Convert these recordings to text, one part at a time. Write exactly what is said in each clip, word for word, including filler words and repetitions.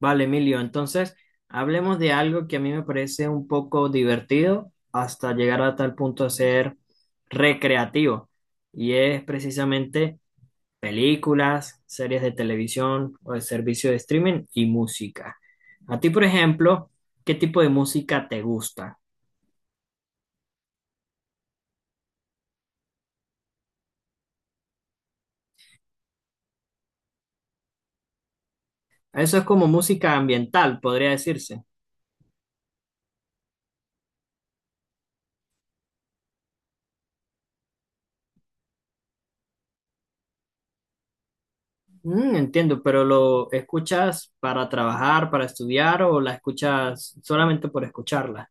Vale, Emilio, entonces hablemos de algo que a mí me parece un poco divertido hasta llegar a tal punto de ser recreativo. Y es precisamente películas, series de televisión o de servicio de streaming y música. A ti, por ejemplo, ¿qué tipo de música te gusta? Eso es como música ambiental, podría decirse. Mm, entiendo, pero ¿lo escuchas para trabajar, para estudiar o la escuchas solamente por escucharla?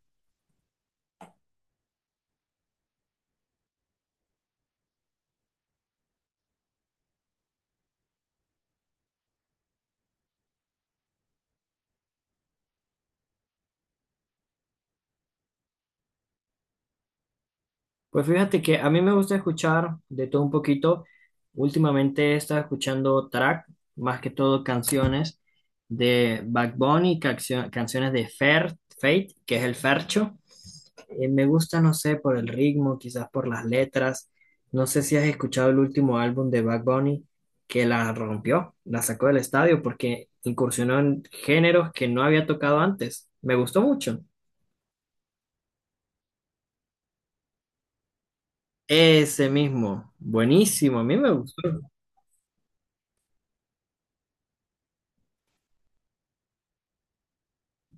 Pues fíjate que a mí me gusta escuchar de todo un poquito. Últimamente he estado escuchando track, más que todo canciones de Bad Bunny, cancio- canciones de Fer, Fate, que es el Fercho. Eh, me gusta, no sé, por el ritmo, quizás por las letras. No sé si has escuchado el último álbum de Bad Bunny que la rompió, la sacó del estadio porque incursionó en géneros que no había tocado antes. Me gustó mucho. Ese mismo, buenísimo, a mí me gustó.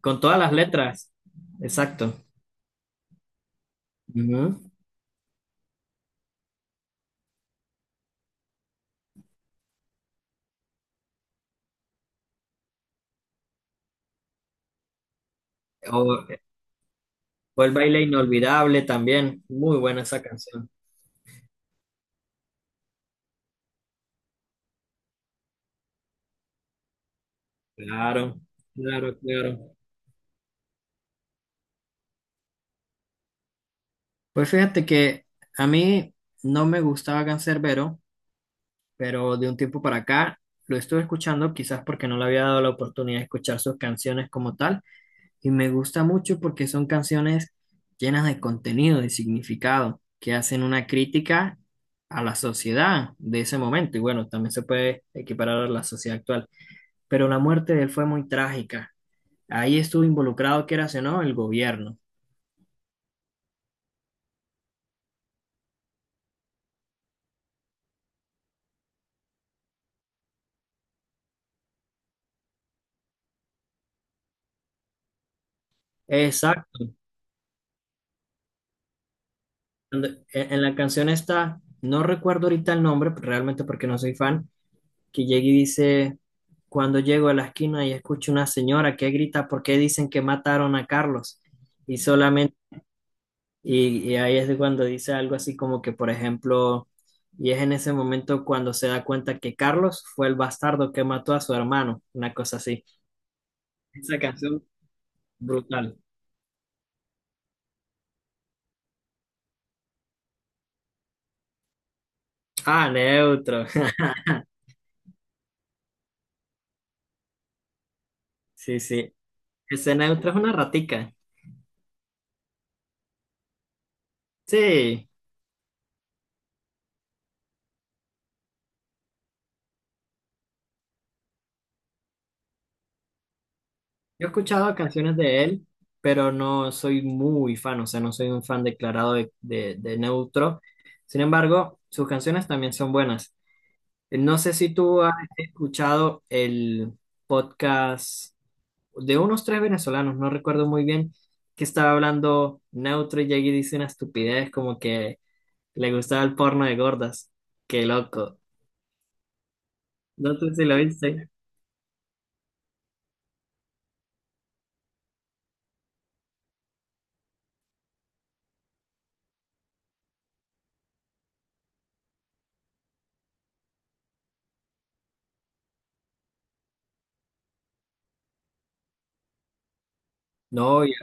Con todas las letras, exacto. Ujú. O, o el baile inolvidable también, muy buena esa canción. Claro, claro, claro. Pues fíjate que a mí no me gustaba Canserbero, pero de un tiempo para acá lo estuve escuchando, quizás porque no le había dado la oportunidad de escuchar sus canciones como tal. Y me gusta mucho porque son canciones llenas de contenido, de significado, que hacen una crítica a la sociedad de ese momento. Y bueno, también se puede equiparar a la sociedad actual. Pero la muerte de él fue muy trágica. Ahí estuvo involucrado, quieras o no, el gobierno. Exacto. En en la canción está, no recuerdo ahorita el nombre, realmente porque no soy fan, que llega y dice, cuando llego a la esquina y escucho una señora que grita, ¿por qué dicen que mataron a Carlos? Y solamente. Y, y ahí es de cuando dice algo así como que, por ejemplo, y es en ese momento cuando se da cuenta que Carlos fue el bastardo que mató a su hermano, una cosa así. Esa canción, brutal. Ah, Neutro. Sí, sí. Ese Neutro es una ratica. Sí, yo he escuchado canciones de él, pero no soy muy fan, o sea, no soy un fan declarado de, de, de Neutro. Sin embargo, sus canciones también son buenas. No sé si tú has escuchado el podcast de unos tres venezolanos, no recuerdo muy bien, que estaba hablando neutro y allí dice una estupidez como que le gustaba el porno de gordas. Qué loco. No sé si lo viste. No, y-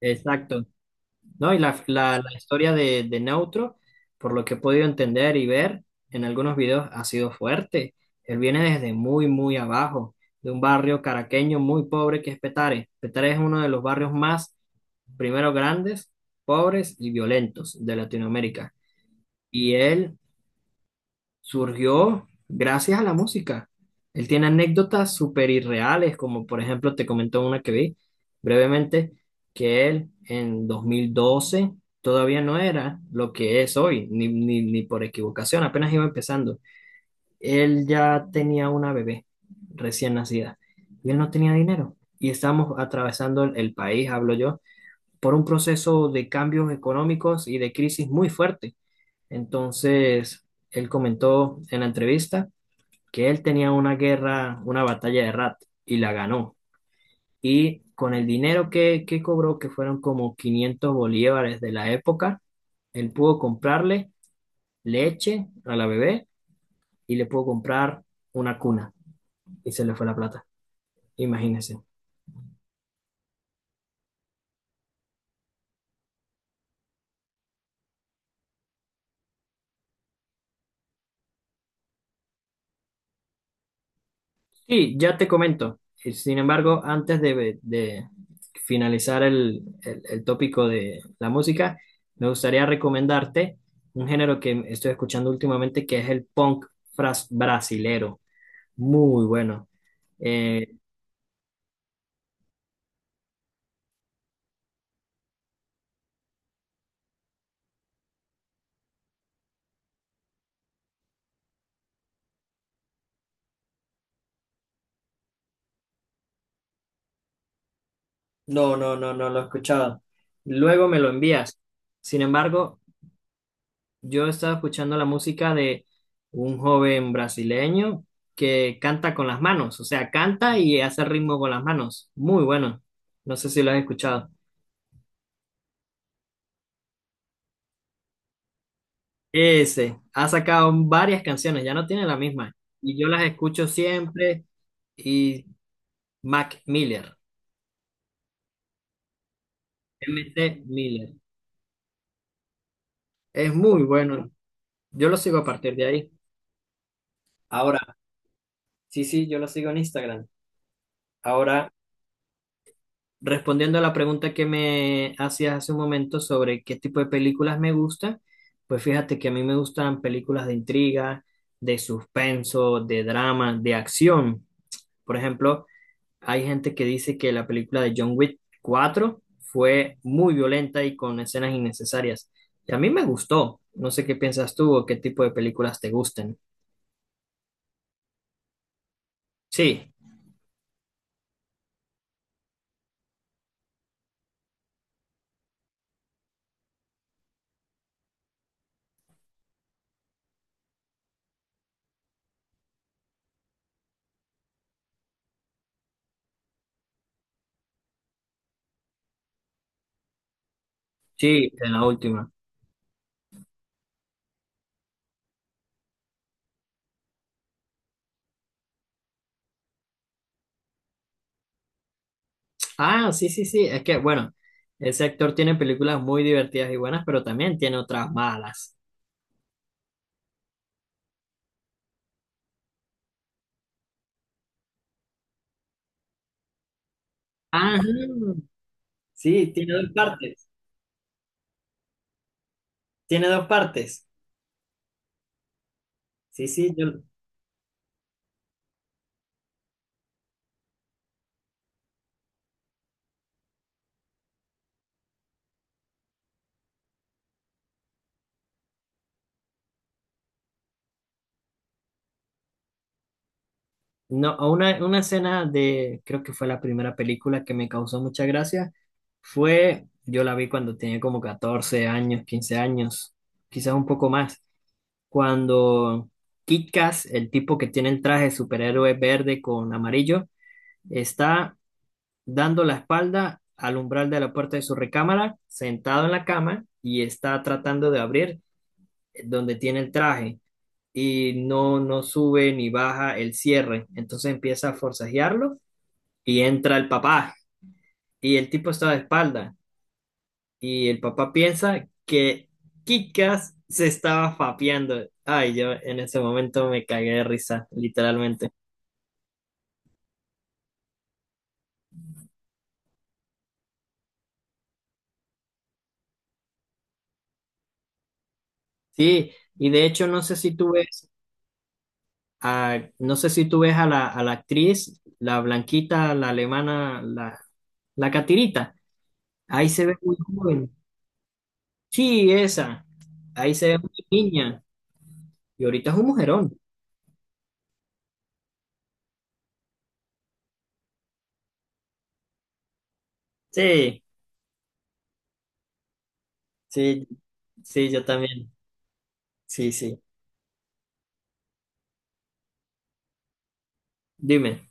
exacto. No, y la, la, la historia de, de Neutro, por lo que he podido entender y ver en algunos videos, ha sido fuerte. Él viene desde muy, muy abajo, de un barrio caraqueño muy pobre que es Petare. Petare es uno de los barrios más, primero, grandes, pobres y violentos de Latinoamérica. Y él surgió gracias a la música. Él tiene anécdotas súper irreales, como por ejemplo te comento una que vi brevemente, que él en dos mil doce todavía no era lo que es hoy, ni, ni, ni por equivocación, apenas iba empezando. Él ya tenía una bebé recién nacida y él no tenía dinero. Y estábamos atravesando el, el país, hablo yo, por un proceso de cambios económicos y de crisis muy fuerte. Entonces, él comentó en la entrevista que él tenía una guerra, una batalla de rat y la ganó. Y con el dinero que, que cobró, que fueron como quinientos bolívares de la época, él pudo comprarle leche a la bebé y le pudo comprar una cuna y se le fue la plata. Imagínense. Sí, ya te comento. Eh, Sin embargo, antes de, de finalizar el, el- el tópico de la música, me gustaría recomendarte un género que estoy escuchando últimamente, que es el punk fras- brasilero. Muy bueno. Eh, no, no, no, no lo he escuchado. Luego me lo envías. Sin embargo, yo estaba escuchando la música de un joven brasileño que canta con las manos, o sea, canta y hace ritmo con las manos. Muy bueno. No sé si lo has escuchado. Ese ha sacado varias canciones, ya no tiene la misma. Y yo las escucho siempre. Y Mac Miller, M. MC Miller. Es muy bueno. Yo lo sigo a partir de ahí. Ahora, sí, sí, yo lo sigo en Instagram. Ahora, respondiendo a la pregunta que me hacías hace un momento sobre qué tipo de películas me gustan, pues fíjate que a mí me gustan películas de intriga, de suspenso, de drama, de acción. Por ejemplo, hay gente que dice que la película de John Wick cuatro fue muy violenta y con escenas innecesarias. Y a mí me gustó. No sé qué piensas tú o qué tipo de películas te gusten. Sí, sí, en la última. Ah, sí, sí, sí. Es que, bueno, ese actor tiene películas muy divertidas y buenas, pero también tiene otras malas. Ajá. Sí, tiene dos partes. Tiene dos partes. Sí, sí, yo. No, una, una escena de, creo que fue la primera película que me causó mucha gracia, fue, yo la vi cuando tenía como catorce años, quince años, quizás un poco más, cuando Kit Kat, el tipo que tiene el traje superhéroe verde con amarillo, está dando la espalda al umbral de la puerta de su recámara, sentado en la cama y está tratando de abrir eh, donde tiene el traje y no, no sube ni baja el cierre. Entonces empieza a forcejearlo y entra el papá y el tipo está de espalda y el papá piensa que Kikas se estaba fapeando. Ay, yo en ese momento me cagué de risa, literalmente. Sí, y de hecho no sé si tú ves. Ah, no sé si tú ves a la, a la actriz, la blanquita, la alemana, la, la catirita. Ahí se ve muy joven. Sí, esa. Ahí se ve muy niña. Y ahorita es un mujerón. Sí, sí, sí, yo también. Sí, sí. Dime.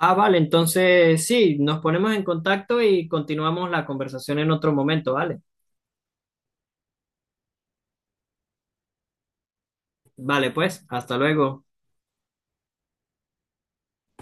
Ah, vale, entonces sí, nos ponemos en contacto y continuamos la conversación en otro momento, ¿vale? Vale, pues, hasta luego.